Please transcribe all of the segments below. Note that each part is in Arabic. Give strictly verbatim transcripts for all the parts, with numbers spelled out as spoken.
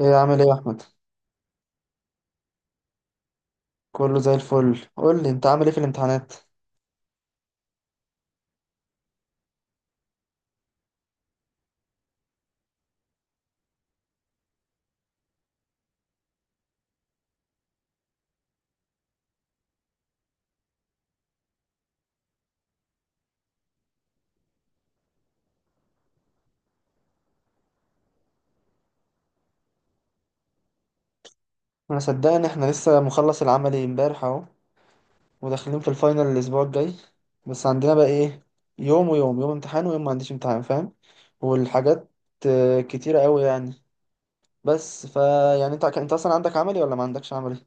ايه عامل ايه يا احمد؟ كله زي الفل. قول لي انت عامل ايه في الامتحانات؟ انا صدقني، احنا لسه مخلص العملي امبارح اهو، وداخلين في الفاينل الاسبوع الجاي. بس عندنا بقى ايه؟ يوم ويوم يوم امتحان ويوم ما عنديش امتحان، فاهم. والحاجات آه، كتيرة قوي يعني. بس فا يعني انت انت اصلا عندك عملي ولا ما عندكش عملي؟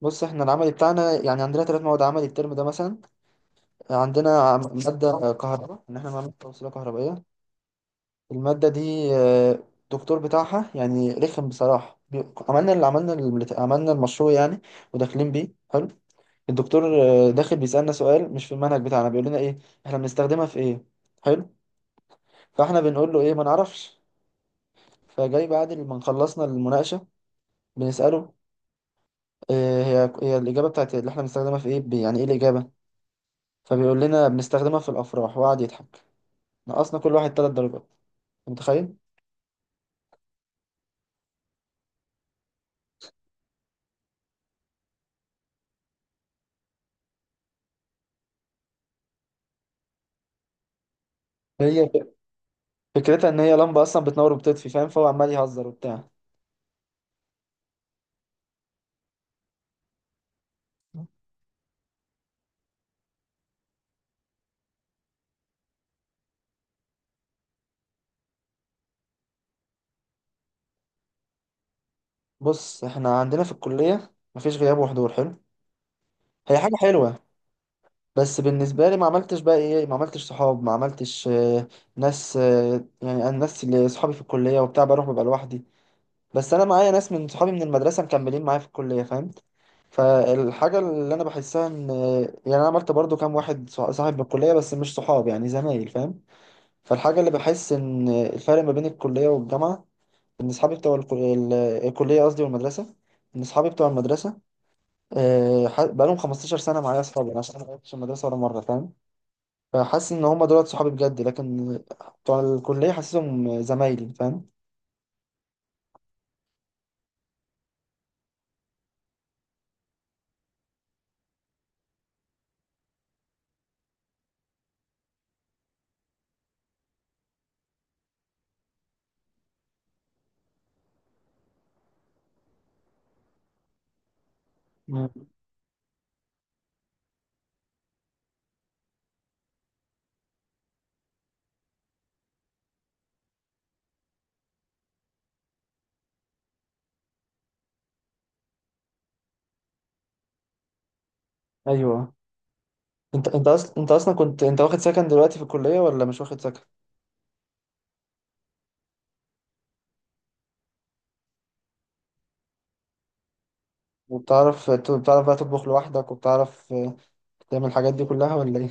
بص، احنا العملي بتاعنا يعني عندنا ثلاث مواد عملي الترم ده مثلا. عندنا عم- مادة كهرباء ان احنا نعمل توصيلة كهربائية. المادة دي آه، الدكتور بتاعها يعني رخم بصراحة، بي- عملنا اللي عملنا اللي عملنا المشروع يعني. وداخلين بيه حلو. الدكتور آه، داخل بيسألنا سؤال مش في المنهج بتاعنا، بيقول لنا: ايه احنا بنستخدمها في ايه؟ حلو. فاحنا بنقول له: ايه، ما نعرفش. فجاي بعد ما خلصنا المناقشة بنسأله: آه، هي هي الإجابة بتاعت اللي احنا بنستخدمها في ايه؟ بي- يعني ايه الإجابة؟ فبيقول لنا: بنستخدمها في الأفراح، وقعد يضحك. نقصنا كل واحد ثلاث درجات. أنت متخيل؟ هي فكرتها ان هي لمبة اصلا بتنور وبتطفي، فاهم، فهو عمال يهزر وبتاع. بص، احنا عندنا في الكلية مفيش غياب وحضور، حلو، هي حاجة حلوة. بس بالنسبة لي ما عملتش بقى ايه، ما عملتش صحاب، ما عملتش آه، ناس، آه، يعني انا الناس اللي صحابي في الكلية وبتاع، بروح ببقى لوحدي. بس انا معايا ناس من صحابي من المدرسة مكملين معايا في الكلية، فاهم. فالحاجة اللي انا بحسها ان آه، يعني انا عملت برضو كام واحد صح- صاحب من الكلية بس مش صحاب، يعني زمايل، فاهم. فالحاجة اللي بحس ان آه، الفرق ما بين الكلية والجامعة ان صحابي بتوع الكل- ال- الكلية، قصدي، والمدرسة. ان صحابي بتوع المدرسة آه، ح- بقالهم 15 سنة معايا أصحابي، يعني أنا عشان أنا ما غيرتش المدرسة ولا مرة، فاهم. فحاسس إن هما دولت صحابي بجد، لكن بتوع الكلية حاسسهم زمايلي، فاهم. مم. أيوه. أنت أنت أصلا أنت أصلا كنت أنت واخد سكن دلوقتي في الكلية ولا مش واخد سكن؟ وبتعرف ت- بتعرف بقى تطبخ لوحدك؟ وبتعرف آه، تعمل الحاجات دي كلها ولا إيه؟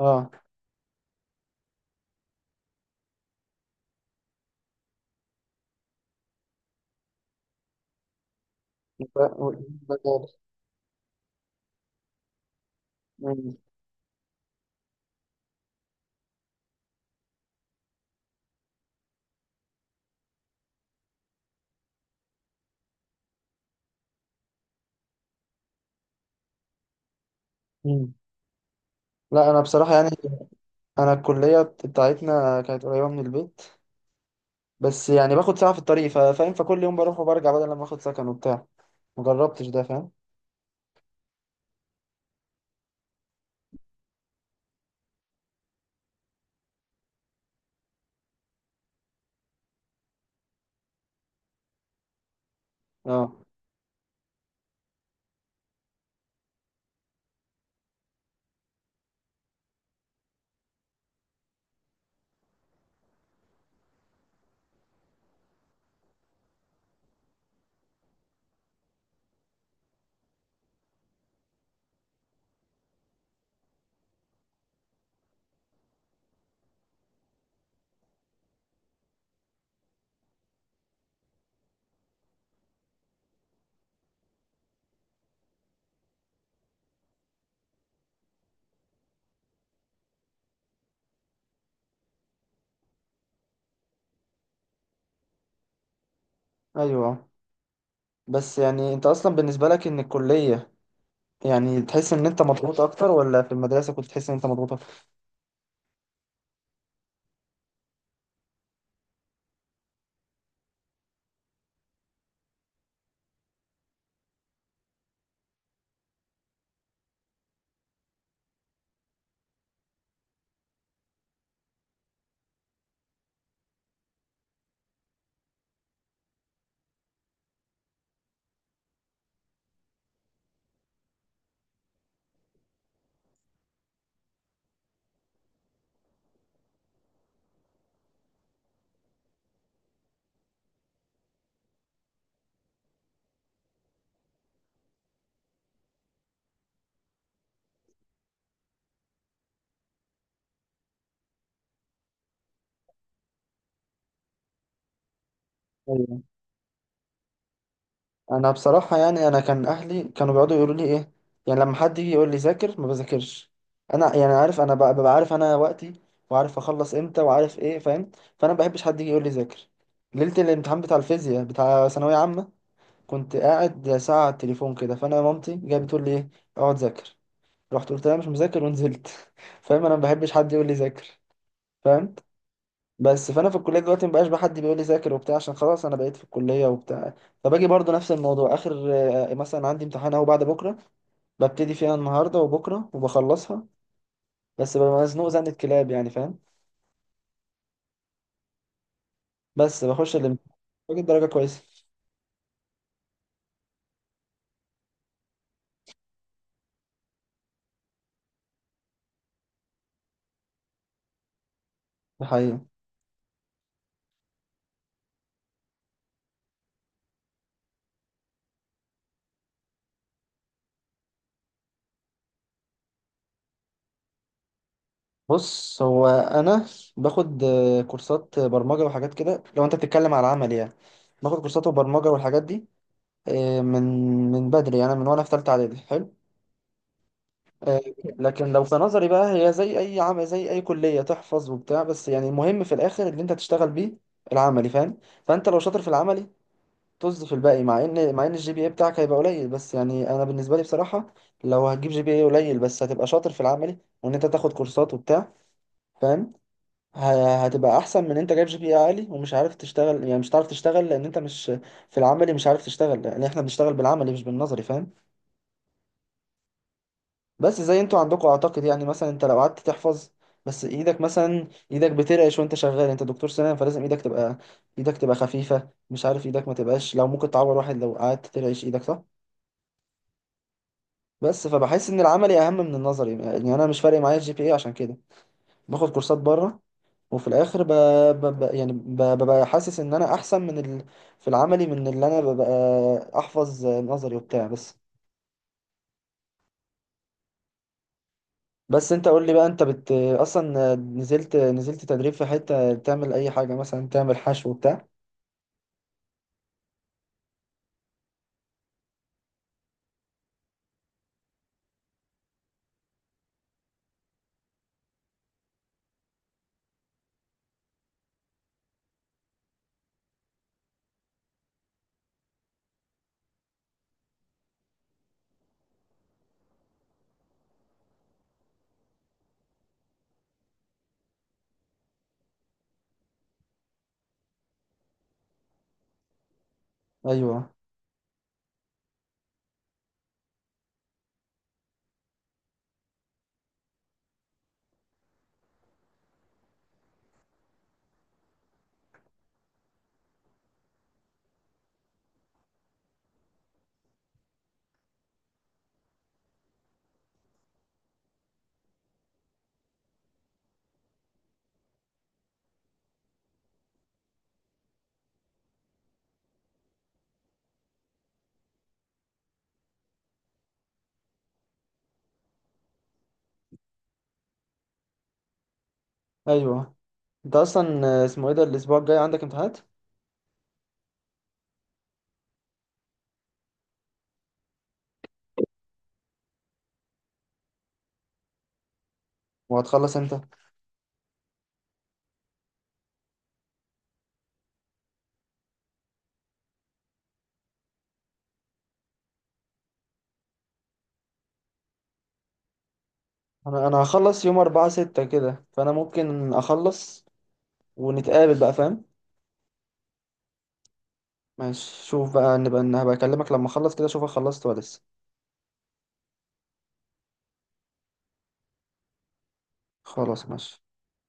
أه. ف- و- مم. مم. لا، أنا بصراحة يعني أنا الكلية بتاعتنا كانت قريبة من البيت، بس يعني باخد ساعة في الطريق، ف- فاهم، فكل يوم بروح وبرجع بدل لما آخد سكن وبتاع، مجربتش ده، فاهم. اه. ايوه. بس يعني انت اصلا بالنسبه لك ان الكليه، يعني تحس ان انت مضغوط اكتر ولا في المدرسه كنت تحس ان انت مضغوط اكتر؟ ايوه. انا بصراحه يعني انا كان اهلي كانوا بيقعدوا يقولوا لي ايه؟ يعني لما حد يجي يقول لي: ذاكر، ما بذاكرش. انا يعني عارف، انا ببقى ببقى عارف انا وقتي، وعارف اخلص امتى وعارف ايه، فاهم. فانا ما بحبش حد يجي يقول لي: ذاكر. ليله الامتحان بتاع الفيزياء بتاع ثانويه عامه كنت قاعد ساعه على التليفون كده، فانا مامتي جايه بتقول لي: ايه اقعد ذاكر. رحت قلت لها: مش مذاكر، ونزلت. فاهم، انا ما بحبش حد يقول لي: ذاكر، فاهم. بس فانا في الكليه دلوقتي ما بقاش بقى حد بيقول لي: ذاكر وبتاع، عشان خلاص انا بقيت في الكليه وبتاع. فباجي برضو نفس الموضوع اخر. آه، مثلا عندي امتحان اهو بعد بكره، ببتدي فيها النهارده وبكره وبخلصها، بس ببقى مزنوق زنة كلاب يعني، فاهم. بس بخش الامتحان، باجيب درجه كويسه. ده حقيقي. بص، هو انا باخد آه، كورسات برمجه وحاجات كده، لو انت بتتكلم على العمل يعني، باخد كورسات وبرمجه والحاجات دي آه، من من بدري، انا من وانا في ثالثه اعدادي، حلو. آه، لكن لو في نظري بقى، هي زي اي عم زي اي كليه، تحفظ وبتاع، بس يعني المهم في الاخر اللي انت تشتغل بيه العملي، فاهم. فانت لو شاطر في العملي، طز في الباقي، مع ان مع ان الجي بي اي بتاعك هيبقى قليل، بس يعني انا بالنسبه لي بصراحه، لو هتجيب جي بي اي قليل بس هتبقى شاطر في العملي، وان انت تاخد كورسات وبتاع، فاهم، ه- هتبقى احسن من انت جايب جي بي اي عالي ومش عارف تشتغل، يعني مش عارف تشتغل لان انت مش في العملي مش عارف تشتغل، لان احنا بنشتغل بالعملي مش بالنظري، فاهم. بس زي انتوا عندكم اعتقد، يعني مثلا انت لو قعدت تحفظ بس ايدك مثلا ايدك بترعش وانت شغال، انت دكتور سنان، فلازم ايدك تبقى ايدك تبقى خفيفة، مش عارف، ايدك ما تبقاش، لو ممكن تعور واحد لو قعدت ترعش ايدك، صح. بس فبحس ان العملي اهم من النظري، يعني انا مش فارق معايا الجي بي اي عشان كده باخد كورسات بره. وفي الاخر ب... ب... ب... يعني ب... ببقى حاسس ان انا احسن من ال... في العملي من اللي انا ببقى احفظ نظري وبتاع بس. بس انت قول لي بقى، انت بت اصلا نزلت نزلت تدريب في حتة تعمل اي حاجة، مثلا تعمل حشو وبتاع؟ ايوه. ايوه. انت اصلا اسمه ايه، ده الاسبوع الجاي عندك امتحانات؟ وهتخلص امتى؟ انا انا هخلص يوم أربعة ستة كده، فانا ممكن اخلص ونتقابل بقى، فاهم. ماشي، شوف بقى، نبقى هبقى اكلمك لما اخلص كده، اشوفك خلصت ولا لسه. خلاص، ماشي.